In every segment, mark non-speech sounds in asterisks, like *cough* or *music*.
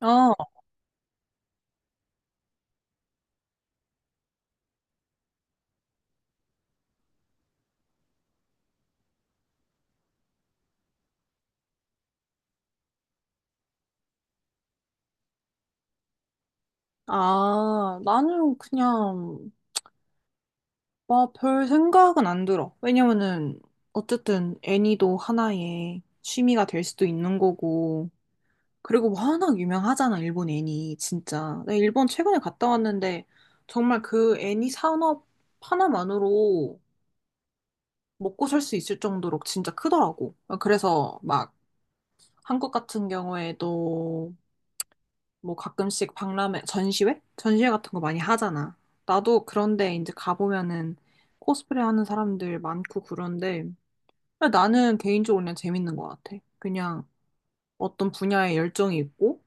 어, 아, 나는 그냥, 뭐, 별 생각은 안 들어. 왜냐면은, 어쨌든 애니도 하나의 취미가 될 수도 있는 거고. 그리고 워낙 유명하잖아, 일본 애니, 진짜. 나 일본 최근에 갔다 왔는데, 정말 그 애니 산업 하나만으로 먹고 살 수 있을 정도로 진짜 크더라고. 그래서 막, 한국 같은 경우에도 뭐 가끔씩 박람회, 전시회? 전시회 같은 거 많이 하잖아. 나도 그런데 이제 가보면은 코스프레 하는 사람들 많고 그런데 나는 개인적으로 그냥 재밌는 것 같아. 그냥 어떤 분야에 열정이 있고,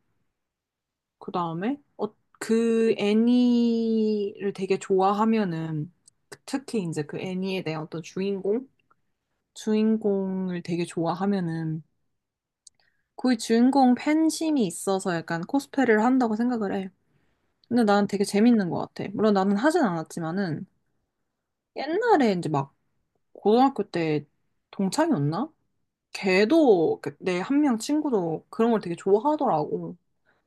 그 다음에 그 애니를 되게 좋아하면은 그 특히 이제 그 애니에 대한 어떤 주인공? 주인공을 되게 좋아하면은 그 주인공 팬심이 있어서 약간 코스프레를 한다고 생각을 해. 근데 나는 되게 재밌는 것 같아. 물론 나는 하진 않았지만은 옛날에 이제 막 고등학교 때 동창이었나? 걔도 그 내한 명 친구도 그런 걸 되게 좋아하더라고.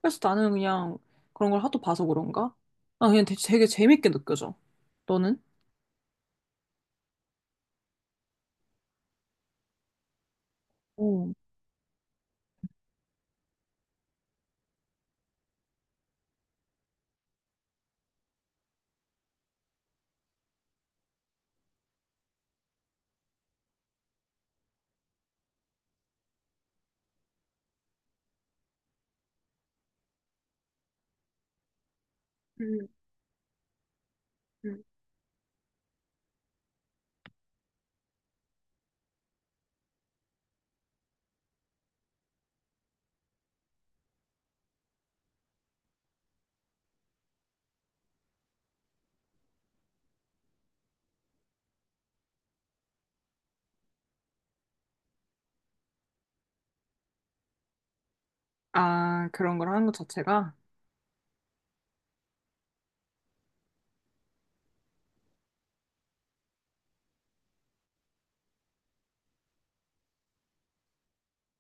그래서 나는 그냥 그런 걸 하도 봐서 그런가? 아 그냥 되게 재밌게 느껴져. 너는? 음, 음, 음. 아, 그런 걸 하는 것 자체가?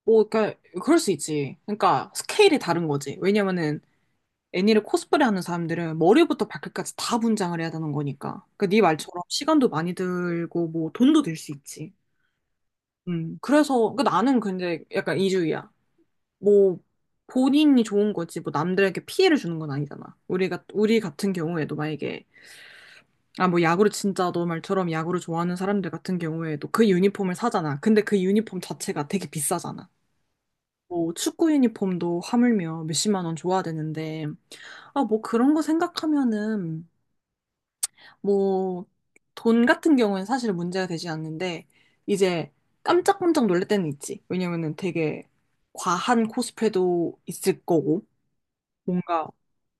뭐, 그러니까, 그럴 수 있지. 그러니까, 스케일이 다른 거지. 왜냐면은, 애니를 코스프레하는 사람들은 머리부터 발끝까지 다 분장을 해야 되는 거니까. 그러니까 네 말처럼 시간도 많이 들고 뭐 돈도 들 수 있지. 음. 그래서 그 나는 근데 약간 이주의야. 뭐 본인이 좋은 거지 뭐 남들에게 피해를 주는 건 아니잖아. 우리 같은 경우에도 만약에 아 뭐 야구를 진짜 너 말처럼 야구를 좋아하는 사람들 같은 경우에도 그 유니폼을 사잖아. 근데 그 유니폼 자체가 되게 비싸잖아. 뭐 축구 유니폼도 하물며 몇십만 원 줘야 되는데 아 뭐 그런 거 생각하면은 뭐, 돈 같은 경우는 사실 문제가 되지 않는데, 이제 깜짝깜짝 놀랄 때는 있지. 왜냐면은 되게 과한 코스프레도 있을 거고, 뭔가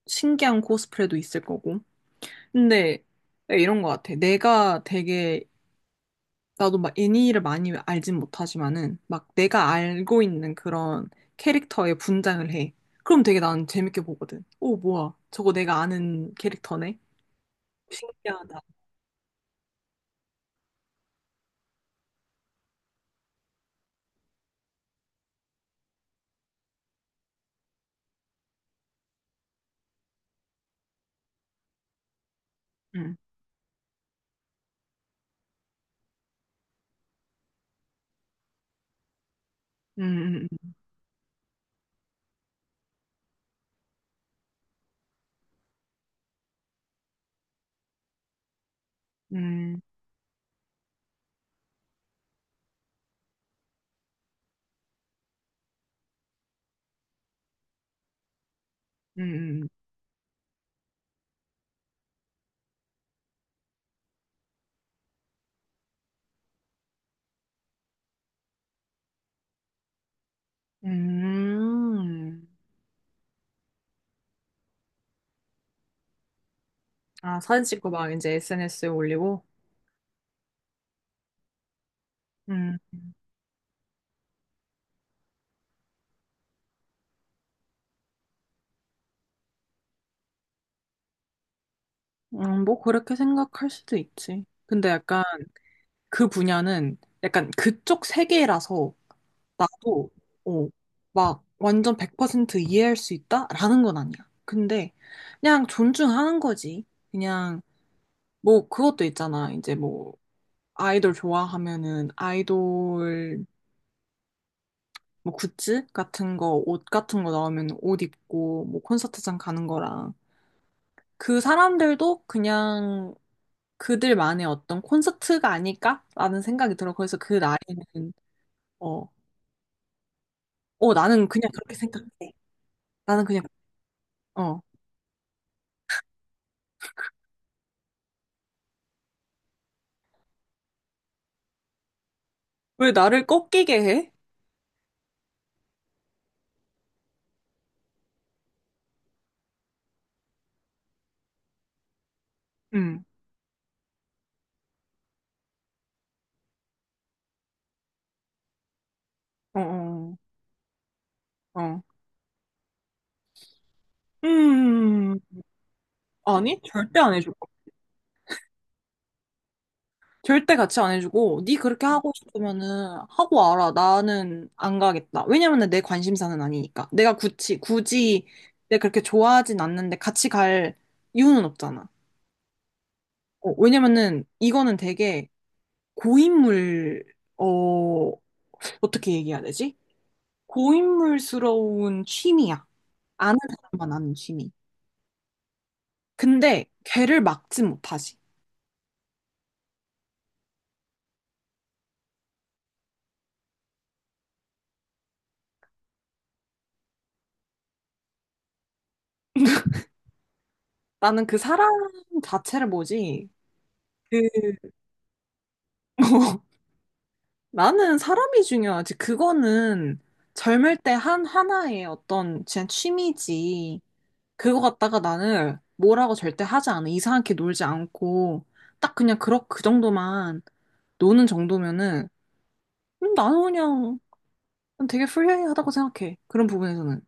신기한 코스프레도 있을 거고. 근데 네, 이런 거 같아. 내가 되게, 나도 막 애니를 많이 알진 못하지만은, 막 내가 알고 있는 그런 캐릭터의 분장을 해. 그럼 되게 나는 재밌게 보거든. 오, 뭐야. 저거 내가 아는 캐릭터네. 신기하다. 응. 음, 음, 음. 음, 음, 음. 아, 사진 찍고 막 이제 SNS에 올리고? 음, 뭐 그렇게 생각할 수도 있지. 근데 약간 그 분야는 약간 그쪽 세계라서 나도, 어, 막 완전 100% 이해할 수 있다라는 건 아니야. 근데 그냥 존중하는 거지. 그냥 뭐 그것도 있잖아. 이제 뭐 아이돌 좋아하면은 아이돌 뭐 굿즈 같은 거, 옷 같은 거 나오면 옷 입고, 뭐 콘서트장 가는 거랑. 그 사람들도 그냥 그들만의 어떤 콘서트가 아닐까라는 생각이 들어. 그래서 그 나이는, 어, 어, 나는 그냥 그렇게 생각해. 나는 그냥, 어. 왜 나를 꺾이게 해? 응. 어, 어, 어. 어. 음, 아니, 절대 안 해줘. 절대 같이 안 해주고 네 그렇게 하고 싶으면은 하고 와라. 나는 안 가겠다. 왜냐면은 내 관심사는 아니니까. 내가 굳이 내가 그렇게 좋아하진 않는데 같이 갈 이유는 없잖아. 어, 왜냐면은 이거는 되게 고인물 어 어떻게 얘기해야 되지? 고인물스러운 취미야. 아는 사람만 아는 취미. 근데 걔를 막지 못하지. 나는 그 사람 자체를 뭐지? 그 *laughs* 나는 사람이 중요하지. 그거는 젊을 때 한 하나의 어떤 그냥 취미지. 그거 갖다가 나는 뭐라고 절대 하지 않아. 이상하게 놀지 않고 딱 그냥 그렇 그 정도만 노는 정도면은 나는 그냥 되게 프리하다고 생각해. 그런 부분에서는.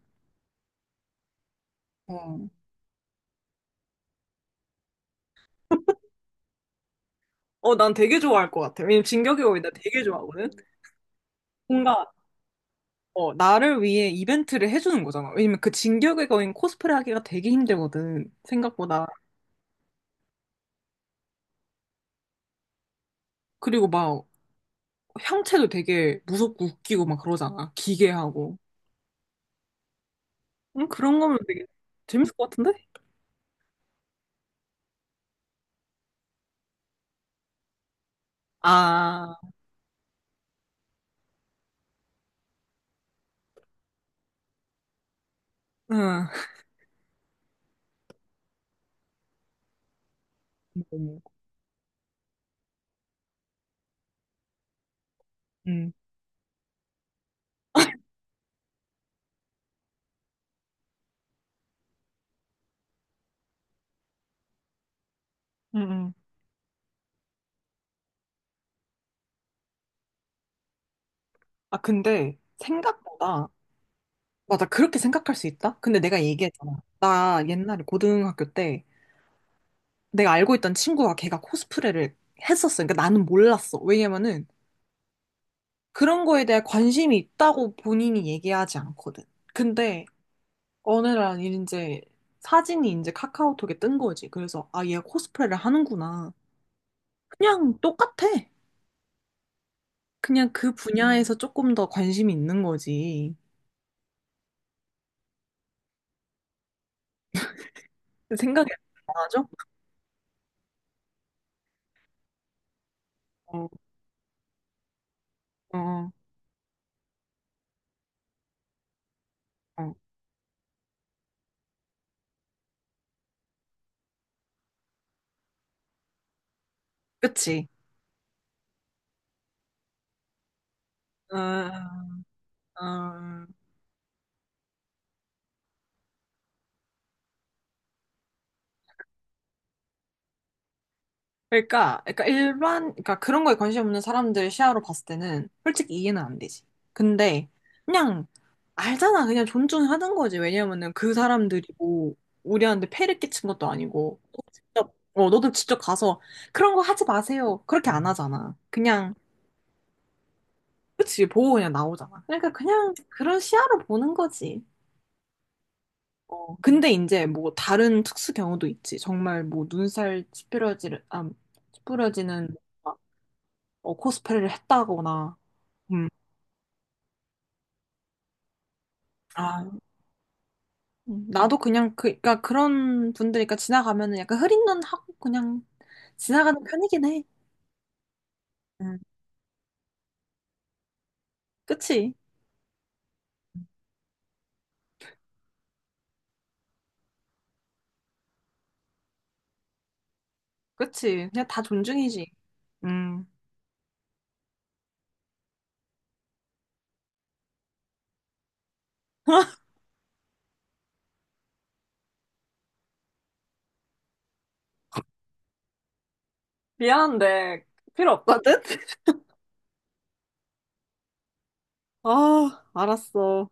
어. 어, 난 되게 좋아할 것 같아. 왜냐면 진격의 거인 나 되게 좋아하거든. 뭔가 어, 나를 위해 이벤트를 해주는 거잖아. 왜냐면 그 진격의 거인 코스프레 하기가 되게 힘들거든. 생각보다. 그리고 막 형체도 되게 무섭고 웃기고 막 그러잖아. 기괴하고. 그런 거면 되게 재밌을 것 같은데? 아, 응. 음, 음, 음. 음. 아, 근데 생각보다, 맞아, 그렇게 생각할 수 있다? 근데 내가 얘기했잖아. 나 옛날에 고등학교 때 내가 알고 있던 친구가 걔가 코스프레를 했었어. 그러니까 나는 몰랐어. 왜냐면은 그런 거에 대해 관심이 있다고 본인이 얘기하지 않거든. 근데 어느 날 이제 사진이 이제 카카오톡에 뜬 거지. 그래서 아, 얘 코스프레를 하는구나. 그냥 똑같아. 그냥 그 분야에서 조금 더 관심이 있는 거지. 생각이 안 나죠? 어, 어, 어. 그치? 어, 어. 그러니까 일반, 그러니까 그런 거에 관심 없는 사람들 시야로 봤을 때는 솔직히 이해는 안 되지. 근데 그냥 알잖아. 그냥 존중하는 거지. 왜냐면은 그 사람들이 뭐 우리한테 폐를 끼친 것도 아니고. 너 직접, 어, 너도 직접 가서 그런 거 하지 마세요. 그렇게 안 하잖아. 그냥, 그치, 보고 그냥 나오잖아. 그러니까 그냥 그런 시야로 보는 거지. 어, 근데 이제 뭐 다른 특수 경우도 있지. 정말 뭐 눈살 찌푸려지는, 아, 찌푸려지는 막, 어, 코스프레를 했다거나. 음. 아, 나도 그냥 그, 그러니까 그런 분들이니까 지나가면은 약간 흐린 눈 하고 그냥 지나가는 편이긴 해. 음, 그치? 그치? 그냥 다 존중이지. 음. *laughs* 미안한데 필요 없거든? *laughs* 아, 알았어.